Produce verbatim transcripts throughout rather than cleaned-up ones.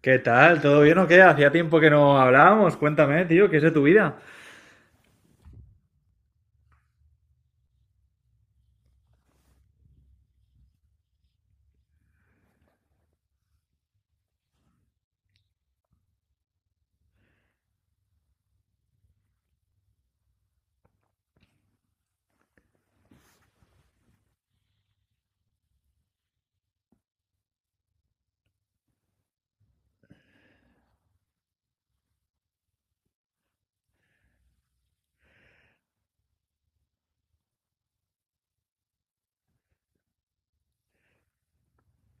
¿Qué tal? ¿Todo bien o qué? Hacía tiempo que no hablábamos. Cuéntame, tío, ¿qué es de tu vida?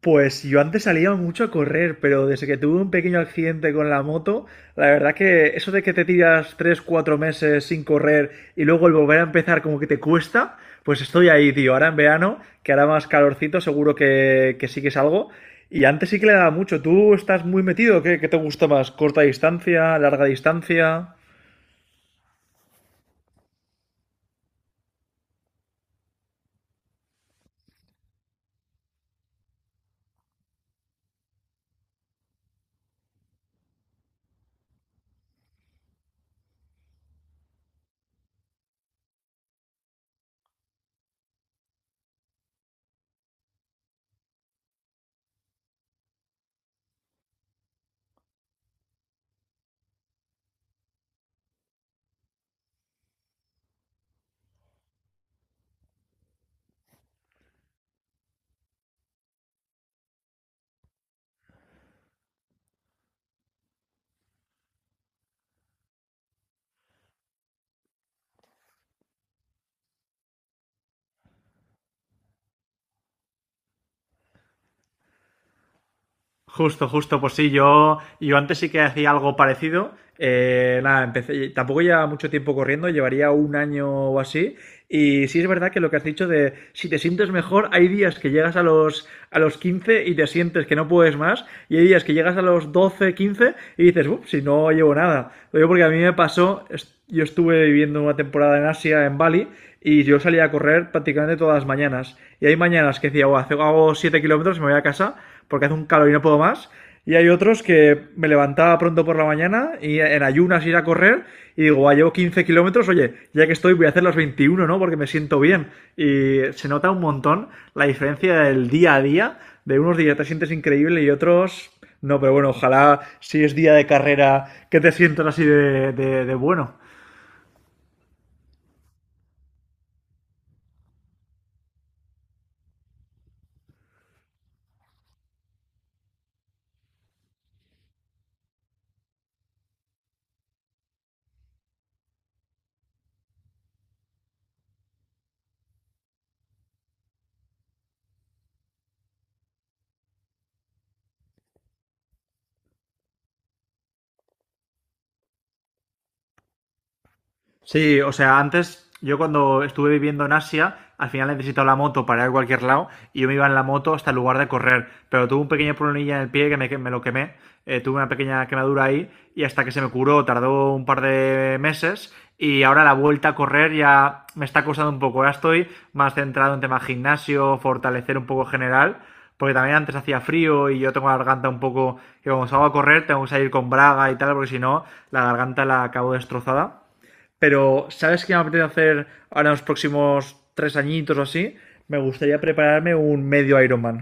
Pues yo antes salía mucho a correr, pero desde que tuve un pequeño accidente con la moto, la verdad que eso de que te tiras tres, cuatro meses sin correr y luego el volver a empezar como que te cuesta, pues estoy ahí, tío. Ahora en verano, que hará más calorcito, seguro que, que sí que salgo. Y antes sí que le daba mucho. ¿Tú estás muy metido? ¿Qué, qué te gusta más? ¿Corta distancia? ¿Larga distancia? Justo, justo, pues sí, yo, yo antes sí que hacía algo parecido. Eh, nada, empecé, tampoco llevaba mucho tiempo corriendo, llevaría un año o así. Y sí es verdad que lo que has dicho de si te sientes mejor, hay días que llegas a los, a los quince y te sientes que no puedes más, y hay días que llegas a los doce quince y dices, uff, si no llevo nada. Lo digo porque a mí me pasó, est- yo estuve viviendo una temporada en Asia, en Bali, y yo salía a correr prácticamente todas las mañanas. Y hay mañanas que decía, oh, hago siete kilómetros y me voy a casa porque hace un calor y no puedo más. Y hay otros que me levantaba pronto por la mañana y en ayunas ir a correr y digo, ah, llevo quince kilómetros, oye, ya que estoy voy a hacer los veintiuno, ¿no? Porque me siento bien. Y se nota un montón la diferencia del día a día, de unos días te sientes increíble y otros no, pero bueno, ojalá si es día de carrera que te sientas así de, de, de bueno. Sí, o sea, antes yo cuando estuve viviendo en Asia, al final necesitaba la moto para ir a cualquier lado y yo me iba en la moto hasta el lugar de correr. Pero tuve un pequeño problemilla en el pie que me, que me lo quemé. Eh, tuve una pequeña quemadura ahí y hasta que se me curó tardó un par de meses y ahora la vuelta a correr ya me está costando un poco. Ahora estoy más centrado en tema gimnasio, fortalecer un poco general, porque también antes hacía frío y yo tengo la garganta un poco que cuando salgo a correr tengo que salir con braga y tal, porque si no la garganta la acabo destrozada. Pero, ¿sabes qué me apetece hacer ahora en los próximos tres añitos o así? Me gustaría prepararme un medio Ironman.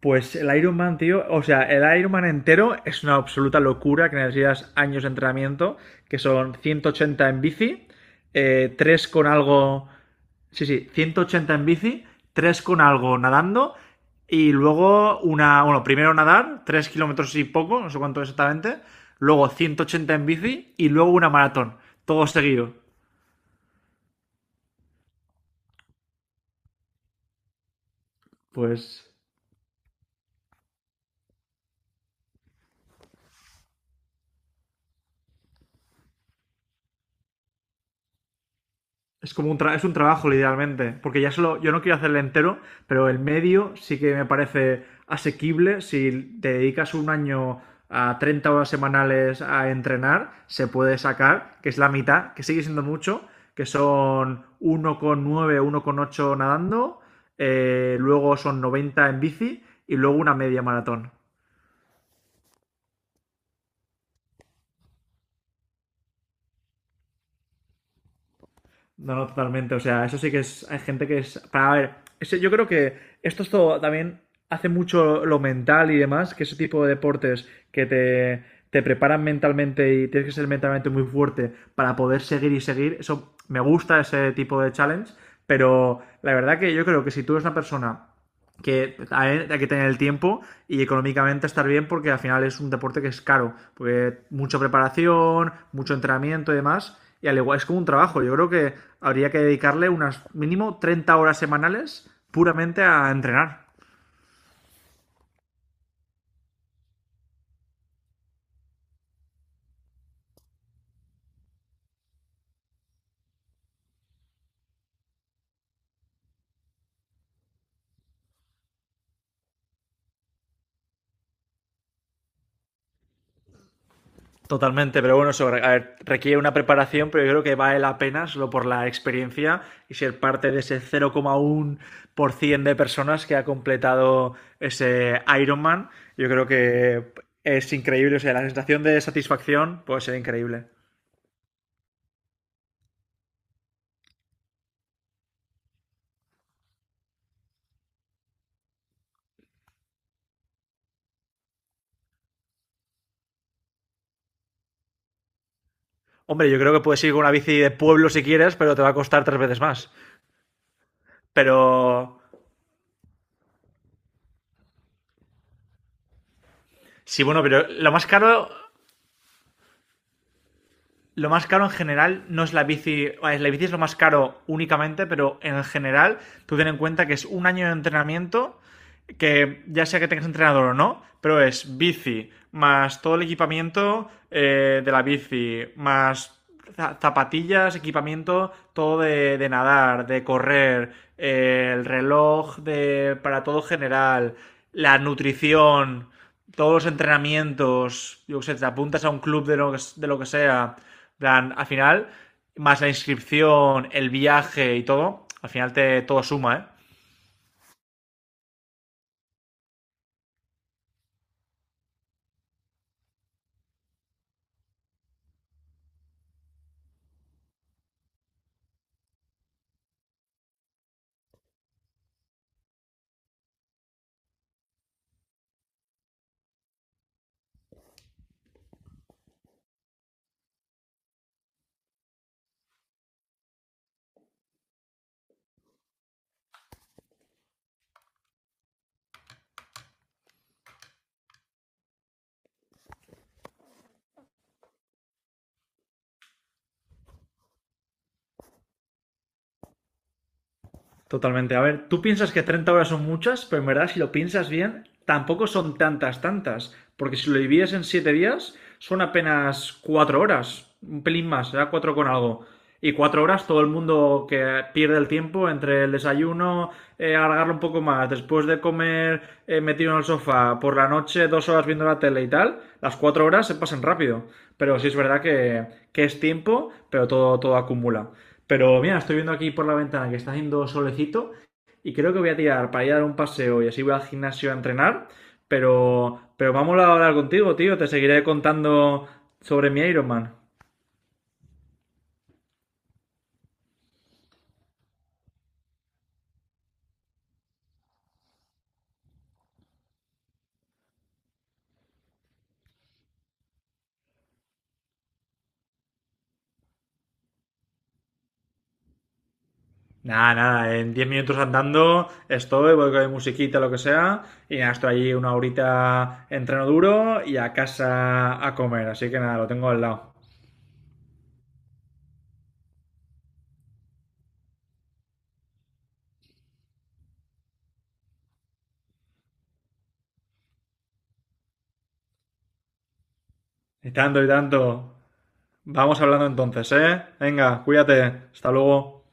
Pues el Ironman, tío, o sea, el Ironman entero es una absoluta locura que necesitas años de entrenamiento, que son ciento ochenta en bici, eh, tres con algo, sí, sí, ciento ochenta en bici, tres con algo nadando y luego una, bueno, primero nadar, tres kilómetros y poco, no sé cuánto exactamente, luego ciento ochenta en bici y luego una maratón, todo seguido. Pues es como un, tra es un trabajo, literalmente. Porque ya solo, yo no quiero hacerle entero, pero el medio sí que me parece asequible. Si te dedicas un año a treinta horas semanales a entrenar, se puede sacar, que es la mitad, que sigue siendo mucho, que son uno coma nueve, ocho nadando, eh, luego son noventa en bici y luego una media maratón. No, no, totalmente. O sea, eso sí que es. Hay gente que es. Para a ver, ese- yo creo que esto es todo también hace mucho lo mental y demás, que ese tipo de deportes que te, te preparan mentalmente y tienes que ser mentalmente muy fuerte para poder seguir y seguir. Eso me gusta ese tipo de challenge, pero la verdad que yo creo que si tú eres una persona que hay que tener el tiempo y económicamente estar bien porque al final es un deporte que es caro, porque mucha preparación, mucho entrenamiento y demás, y al igual es como un trabajo, yo creo que habría que dedicarle unas mínimo treinta horas semanales puramente a entrenar. Totalmente, pero bueno, eso a ver, requiere una preparación, pero yo creo que vale la pena solo por la experiencia y ser parte de ese cero coma uno por ciento de personas que ha completado ese Ironman. Yo creo que es increíble, o sea, la sensación de satisfacción puede ser increíble. Hombre, yo creo que puedes ir con una bici de pueblo si quieres, pero te va a costar tres veces más. Pero sí, bueno, pero lo más caro lo más caro en general no es la bici. Vale, la bici es lo más caro únicamente, pero en general, tú ten en cuenta que es un año de entrenamiento que ya sea que tengas entrenador o no, pero es bici más todo el equipamiento eh, de la bici, más zapatillas, equipamiento, todo de, de nadar, de correr, eh, el reloj de, para todo general, la nutrición, todos los entrenamientos, yo qué sé, te apuntas a un club de lo que, de lo que sea, plan, al final, más la inscripción, el viaje y todo, al final te, todo suma, ¿eh? Totalmente. A ver, tú piensas que treinta horas son muchas, pero en verdad, si lo piensas bien, tampoco son tantas, tantas. Porque si lo divides en siete días, son apenas cuatro horas. Un pelín más, será cuatro con algo. Y cuatro horas todo el mundo que pierde el tiempo entre el desayuno, eh, alargarlo un poco más, después de comer eh, metido en el sofá, por la noche dos horas viendo la tele y tal, las cuatro horas se pasan rápido. Pero sí es verdad que, que es tiempo, pero todo, todo acumula. Pero mira, estoy viendo aquí por la ventana que está haciendo solecito y creo que voy a tirar para ir a dar un paseo y así voy al gimnasio a entrenar. Pero, pero vamos a hablar contigo, tío. Te seguiré contando sobre mi Ironman. Nada, nada, en diez minutos andando estoy, voy con mi musiquita, lo que sea, y nada, estoy allí una horita entreno duro y a casa a comer, así que nada, lo tengo al lado. Y tanto, y tanto. Vamos hablando entonces, ¿eh? Venga, cuídate. Hasta luego.